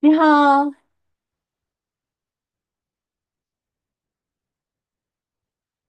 你好。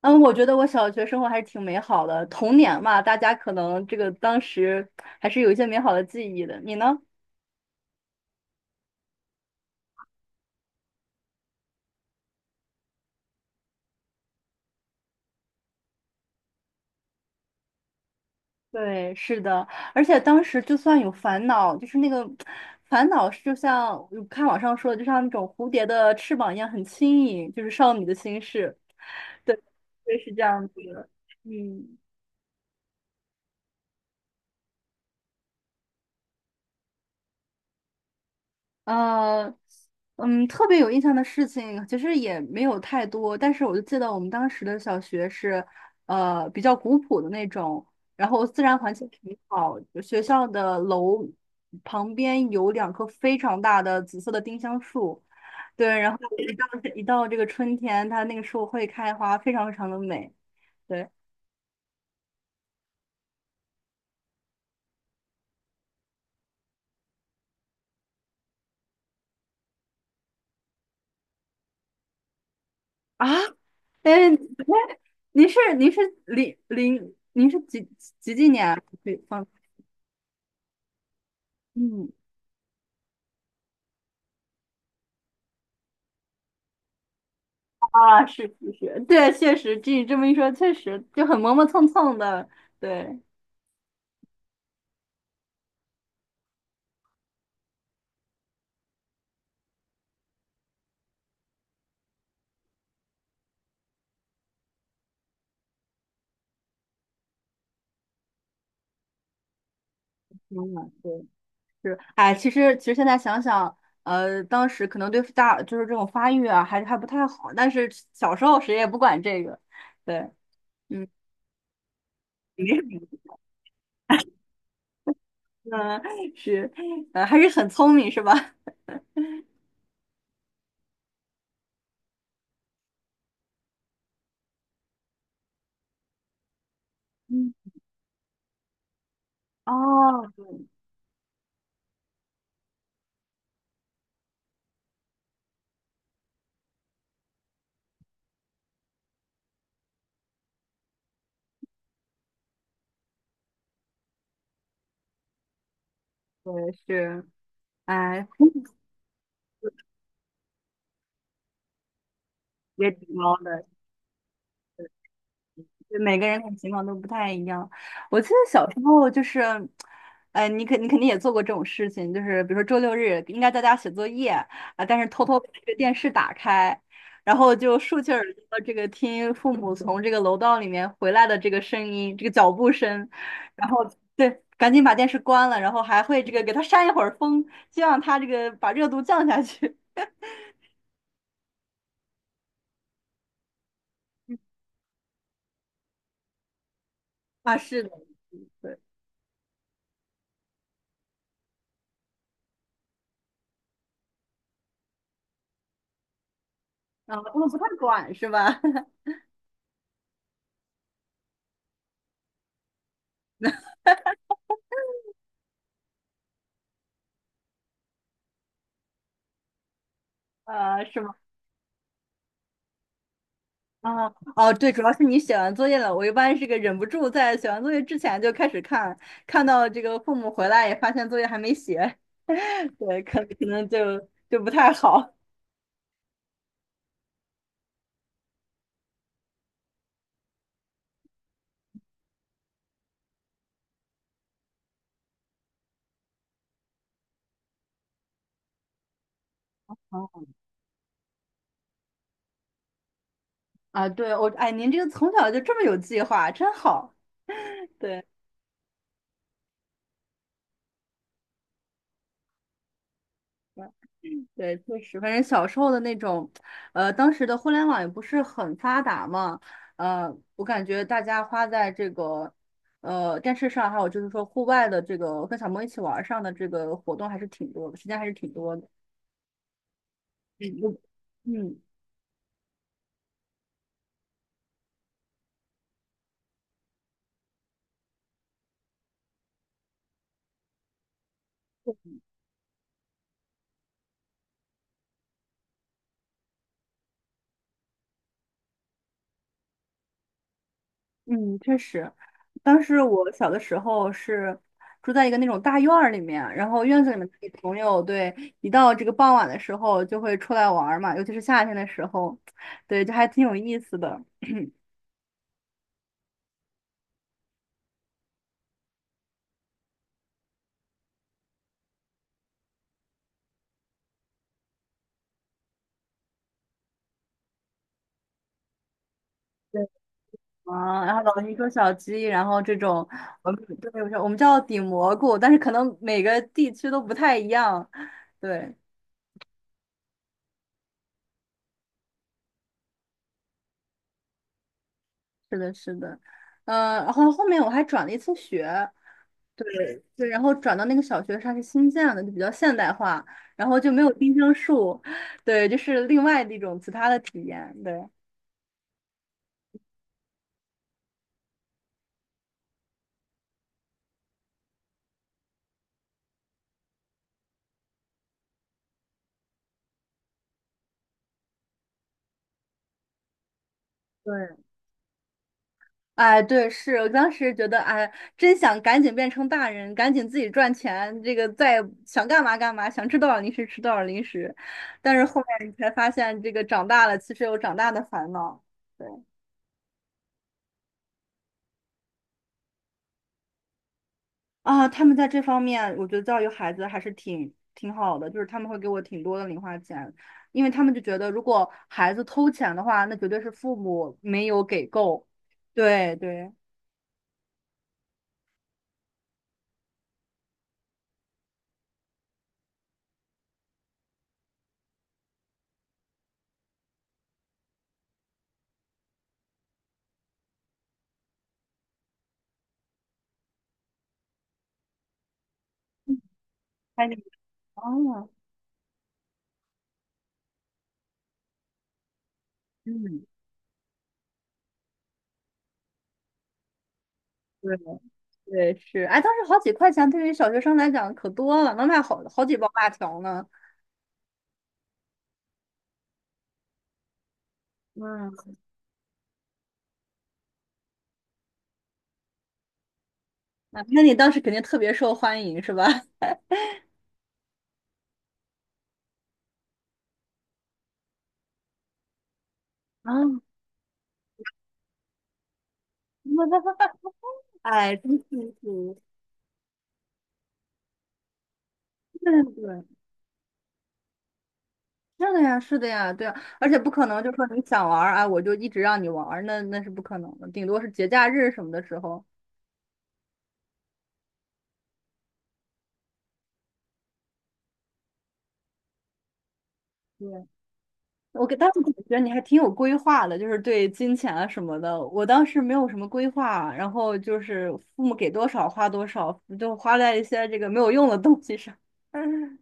嗯，我觉得我小学生活还是挺美好的，童年嘛，大家可能这个当时还是有一些美好的记忆的。你呢？对，是的，而且当时就算有烦恼，就是那个烦恼是就像有看网上说的，就像那种蝴蝶的翅膀一样很轻盈，就是少女的心事。对，对，是这样子的。嗯。呃，特别有印象的事情其实也没有太多，但是我就记得我们当时的小学是，比较古朴的那种，然后自然环境挺好，学校的楼旁边有两棵非常大的紫色的丁香树。对，然后一到这个春天，它那个树会开花，非常非常的美。对。啊，哎，您是零零您是几几几几年啊可以放？嗯啊，是是是，对，确实，据你这么一说，确实就很磨磨蹭蹭的，对，嗯，对，是，哎，其实现在想想，当时可能对大就是这种发育啊，还不太好，但是小时候谁也不管这个，对，嗯，没什么，嗯，是，还是很聪明，是吧？嗯，哦，对对是，哎，也挺高的。每个人的情况都不太一样。我记得小时候就是，你肯定也做过这种事情，就是比如说周六日应该在家写作业啊，但是偷偷把这个电视打开，然后就竖起耳朵这个听父母从这个楼道里面回来的这个声音，这个脚步声，然后对，赶紧把电视关了，然后还会这个给它扇一会儿风，希望它这个把热度降下去。啊，是的，对，啊，他们不太管是吧？是吗？啊，哦，对，主要是你写完作业了。我一般是个忍不住在写完作业之前就开始看，看到这个父母回来也发现作业还没写，对，可能就就不太好。哦啊，对，我，哎，您这个从小就这么有计划，真好。对。对，确实，反正小时候的那种，当时的互联网也不是很发达嘛，我感觉大家花在这个，电视上，还有就是说户外的这个跟小朋友一起玩儿上的这个活动还是挺多的，时间还是挺多的。嗯，我嗯。嗯，确实，当时我小的时候是住在一个那种大院儿里面，然后院子里面的朋友，对，一到这个傍晚的时候就会出来玩儿嘛，尤其是夏天的时候，对，就还挺有意思的。啊，然后老鹰捉小鸡，然后这种，我们对，我们叫顶蘑菇，但是可能每个地区都不太一样。对，是的，是的，嗯、然后后面我还转了一次学，对对，然后转到那个小学它是新建的，就比较现代化，然后就没有丁香树，对，就是另外的一种其他的体验，对。对。哎，对，是我当时觉得，哎，真想赶紧变成大人，赶紧自己赚钱，这个再想干嘛干嘛，想吃多少零食吃多少零食。但是后面你才发现，这个长大了其实有长大的烦恼。对啊，他们在这方面，我觉得教育孩子还是挺挺好的，就是他们会给我挺多的零花钱，因为他们就觉得如果孩子偷钱的话，那绝对是父母没有给够。对对，哎，你哦，嗯。对，对，是，哎，当时好几块钱对于小学生来讲可多了，能买好好几包辣条呢。嗯，啊那你当时肯定特别受欢迎是吧？啊，哎，真幸福。对对，是的呀，是的呀，对啊，而且不可能就说你想玩儿啊，我就一直让你玩儿，那那是不可能的，顶多是节假日什么的时候。对，我给当时感觉你还挺有规划的，就是对金钱啊什么的。我当时没有什么规划，然后就是父母给多少花多少，就花在一些这个没有用的东西上。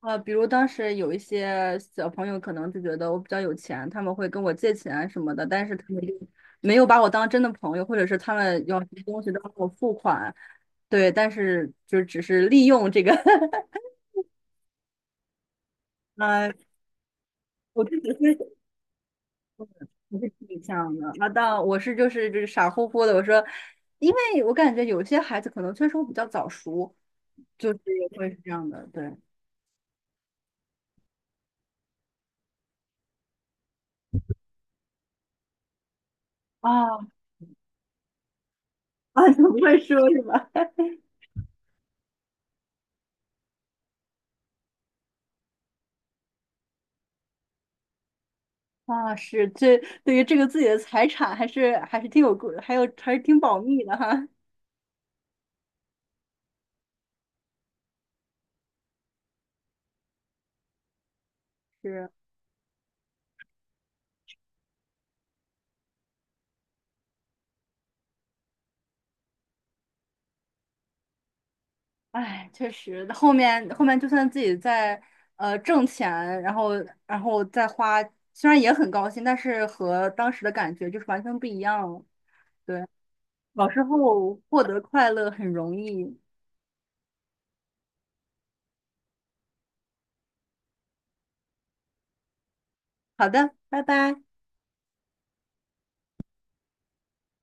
啊，比如当时有一些小朋友可能就觉得我比较有钱，他们会跟我借钱啊什么的，但是他们就没有把我当真的朋友，或者是他们要什么东西都要给我付款，对，但是就只是利用这个，呃，我就只是我是挺像的，那到我是就是傻乎乎的。我说，因为我感觉有些孩子可能确实我比较早熟，就是会是这样的。对啊 啊，你不会说是吧？啊，是这对于这个自己的财产还是挺有顾，还是挺保密的哈。是，哎，确实，后面就算自己在挣钱，然后然后再花，虽然也很高兴，但是和当时的感觉就是完全不一样了。对。小时候获得快乐很容易。好的，拜拜。